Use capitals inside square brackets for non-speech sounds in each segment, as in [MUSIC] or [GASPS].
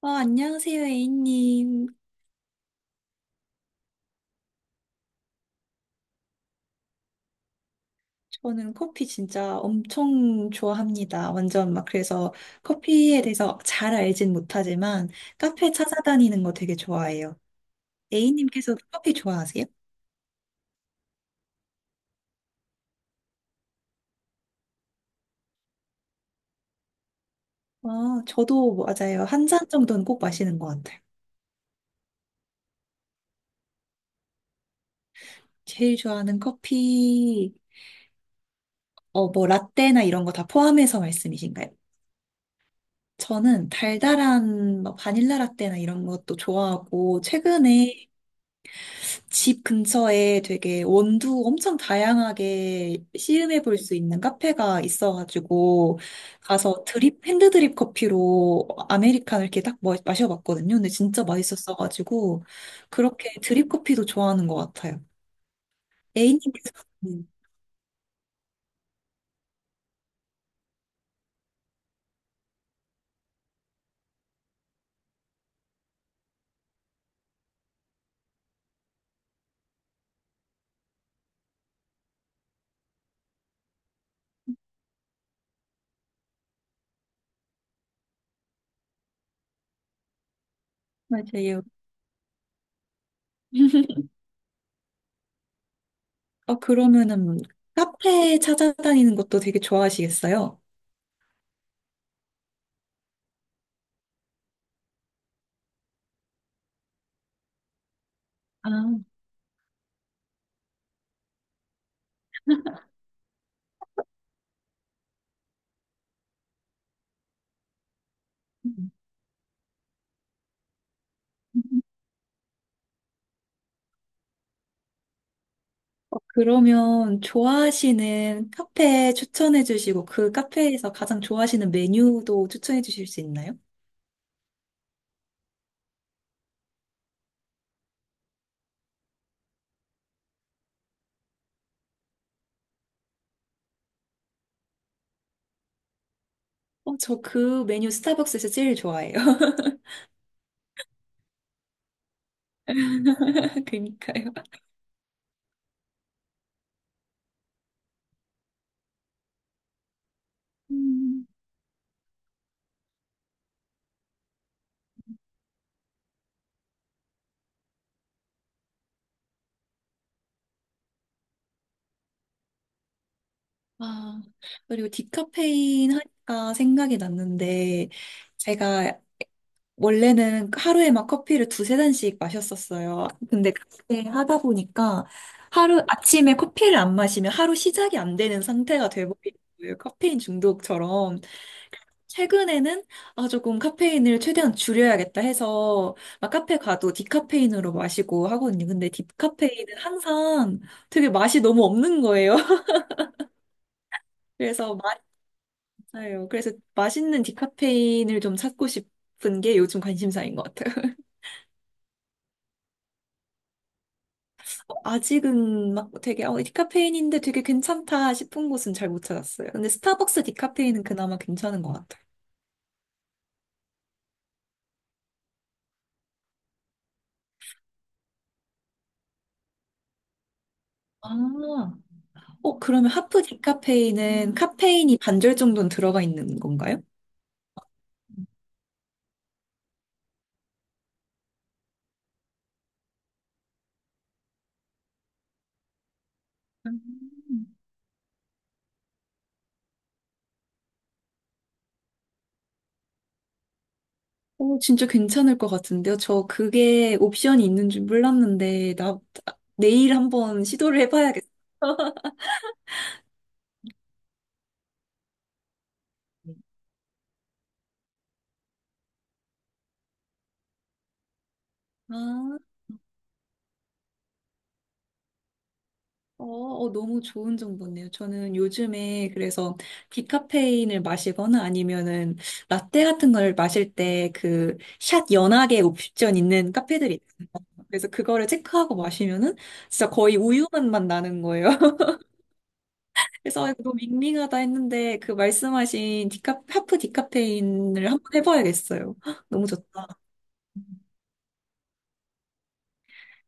아, 안녕하세요, A님. 저는 커피 진짜 엄청 좋아합니다. 완전 막 그래서 커피에 대해서 잘 알진 못하지만 카페 찾아다니는 거 되게 좋아해요. A님께서 커피 좋아하세요? 아, 저도 맞아요. 한 잔 정도는 꼭 마시는 것 같아요. 제일 좋아하는 커피, 뭐 라떼나 이런 거 다 포함해서 말씀이신가요? 저는 달달한 뭐 바닐라 라떼나 이런 것도 좋아하고 최근에 집 근처에 되게 원두 엄청 다양하게 시음해 볼 수 있는 카페가 있어가지고 가서 드립 핸드 드립 커피로 아메리카노 이렇게 딱 마셔봤거든요. 근데 진짜 맛있었어가지고 그렇게 드립 커피도 좋아하는 것 같아요. A님께서 네, 맞아요. [LAUGHS] 어, 그러면은 카페 찾아다니는 것도 되게 좋아하시겠어요? 아, 음. 그러면 좋아하시는 카페 추천해 주시고 그 카페에서 가장 좋아하시는 메뉴도 추천해 주실 수 있나요? 어, 저 그 메뉴 스타벅스에서 제일 좋아해요. [LAUGHS] 그러니까요. 음, 아, 그리고 디카페인 하니까 생각이 났는데, 제가 원래는 하루에 막 커피를 두세 잔씩 마셨었어요. 근데 그렇게 하다 보니까 하루, 아침에 커피를 안 마시면 하루 시작이 안 되는 상태가 돼버리는 거예요. 카페인 중독처럼. 최근에는 아 조금 카페인을 최대한 줄여야겠다 해서 막 카페 가도 디카페인으로 마시고 하거든요. 근데 디카페인은 항상 되게 맛이 너무 없는 거예요. [LAUGHS] 그래서 맞아요. 그래서 맛있는 디카페인을 좀 찾고 싶은 게 요즘 관심사인 것 같아요. [LAUGHS] 아직은 막 되게 디카페인인데 되게 괜찮다 싶은 곳은 잘 못 찾았어요. 근데 스타벅스 디카페인은 그나마 괜찮은 것 같아요. 아, 어, 그러면 하프 디카페인은 카페인이 반절 정도는 들어가 있는 건가요? 음. 오, 진짜 괜찮을 것 같은데요? 저 그게 옵션이 있는 줄 몰랐는데, 나, 내일 한번 시도를 해봐야겠어요. 아, 어, 어, 너무 좋은 정보네요. 저는 요즘에 그래서 디카페인을 마시거나 아니면은 라떼 같은 걸 마실 때 그 샷 연하게 옵션 있는 카페들이 있어요. 그래서 그거를 체크하고 마시면은 진짜 거의 우유 맛만 나는 거예요. 그래서 이거 너무 밍밍하다 했는데 그 말씀하신 디카, 하프 디카페인을 한번 해봐야겠어요. [GASPS] 헉, 너무 좋다.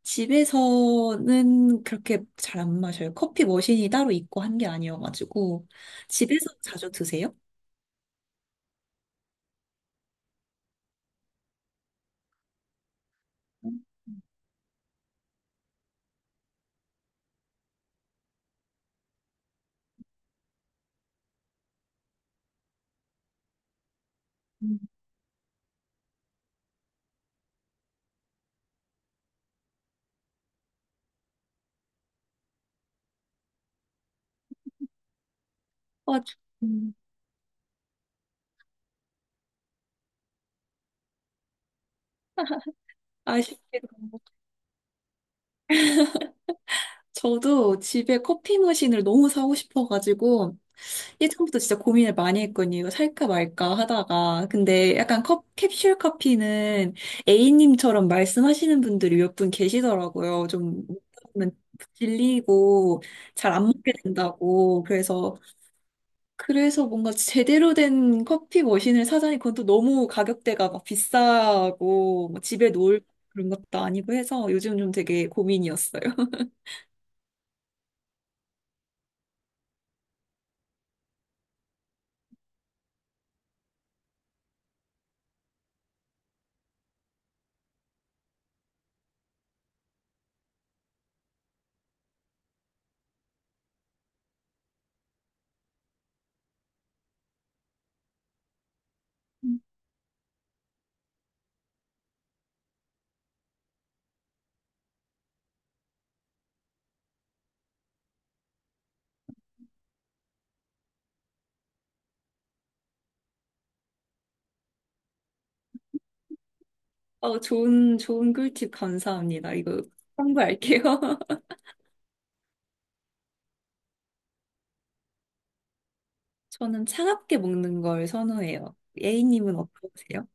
집에서는 그렇게 잘 안 마셔요. 커피 머신이 따로 있고 한 게 아니어가지고 집에서 자주 드세요? 음, 음. 아, 저- 음, 아쉽게도 저도 집에 커피 머신을 너무 사고 싶어가지고 예전부터 진짜 고민을 많이 했거든요. 이거 살까 말까 하다가. 근데 약간 컵, 캡슐 커피는 A님처럼 말씀하시는 분들이 몇 분 계시더라고요. 좀 먹으면 질리고 잘 안 먹게 된다고. 그래서, 그래서 뭔가 제대로 된 커피 머신을 사자니 그건 또 너무 가격대가 막 비싸고 뭐 집에 놓을 그런 것도 아니고 해서 요즘 좀 되게 고민이었어요. [LAUGHS] 어, 좋은, 좋은 꿀팁 감사합니다. 이거 참고할게요. [LAUGHS] 저는 차갑게 먹는 걸 선호해요. A님은 어떠세요?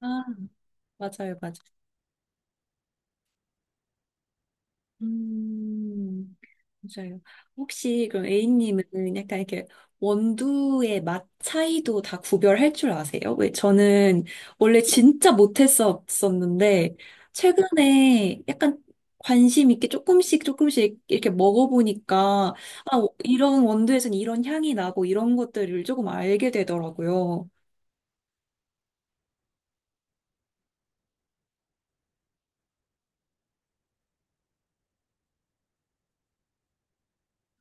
아, 맞아요, 맞아요. 음, 맞아요. 혹시 그럼 A님은 약간 이렇게 원두의 맛 차이도 다 구별할 줄 아세요? 왜 저는 원래 진짜 못했었었는데 최근에 약간 관심 있게 조금씩 조금씩 이렇게 먹어보니까 아, 이런 원두에서는 이런 향이 나고 이런 것들을 조금 알게 되더라고요.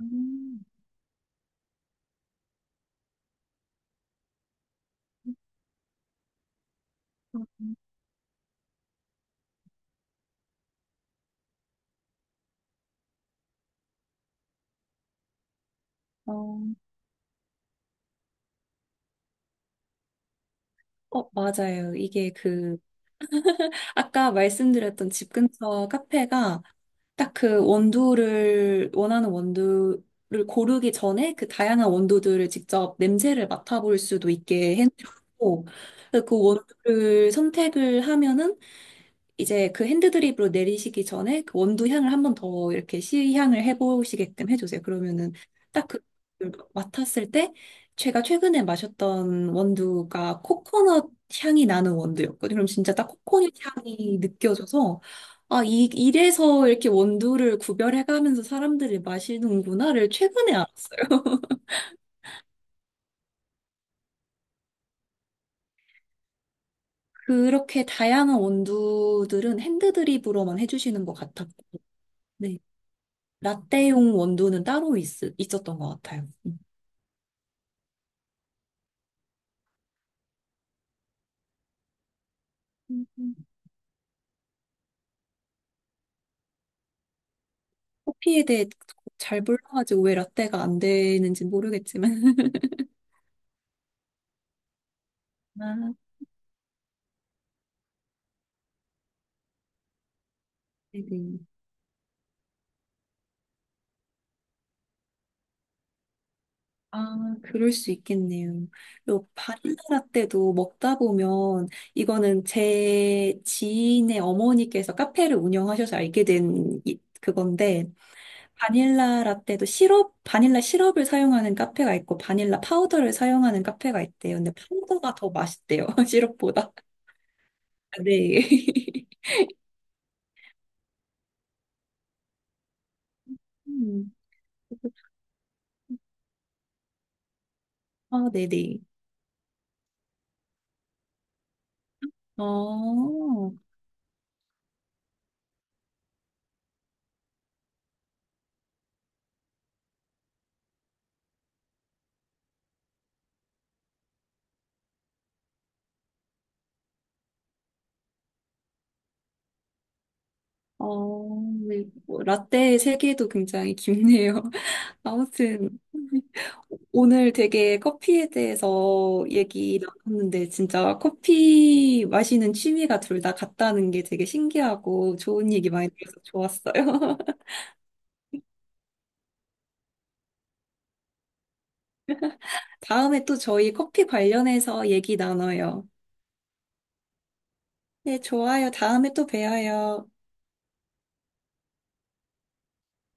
음, 어, 어, 맞아요. 이게 그, 아까 말씀드렸던 집 근처 카페가 딱 그 원두를, 원하는 원두를 고르기 전에 그 다양한 원두들을 직접 냄새를 맡아볼 수도 있게 해놓고, 그 원두를 선택을 하면은 이제 그 핸드 드립으로 내리시기 전에 그 원두 향을 한번 더 이렇게 시향을 해보시게끔 해주세요. 그러면은 딱 그 맡았을 때 제가 최근에 마셨던 원두가 코코넛 향이 나는 원두였거든요. 그럼 진짜 딱 코코넛 향이 느껴져서 아, 이래서 이렇게 원두를 구별해가면서 사람들이 마시는구나를 최근에 알았어요. [LAUGHS] 그렇게 다양한 원두들은 핸드 드립으로만 해주시는 것 같았고. 네. 라떼용 원두는 따로 있었던 것 같아요. 음. 음. 커피에 대해 잘 몰라가지고 왜 라떼가 안 되는지 모르겠지만. [LAUGHS] 아, 네네. 아, 그럴 수 있겠네요. 그리고 바닐라 라떼도 먹다 보면 이거는 제 지인의 어머니께서 카페를 운영하셔서 알게 된 그건데 바닐라 라떼도 시럽, 바닐라 시럽을 사용하는 카페가 있고 바닐라 파우더를 사용하는 카페가 있대요. 근데 파우더가 더 맛있대요. [LAUGHS] 시럽보다. 네. [LAUGHS] 음. 아, 네네. 어, 어, 네. 뭐, 라떼의 세계도 굉장히 깊네요. [LAUGHS] 아무튼, 오늘 되게 커피에 대해서 얘기 나눴는데, 진짜 커피 마시는 취미가 둘 다 같다는 게 되게 신기하고 좋은 얘기 많이 들어서 좋았어요. [LAUGHS] 다음에 또 저희 커피 관련해서 얘기 나눠요. 네, 좋아요. 다음에 또 봬요.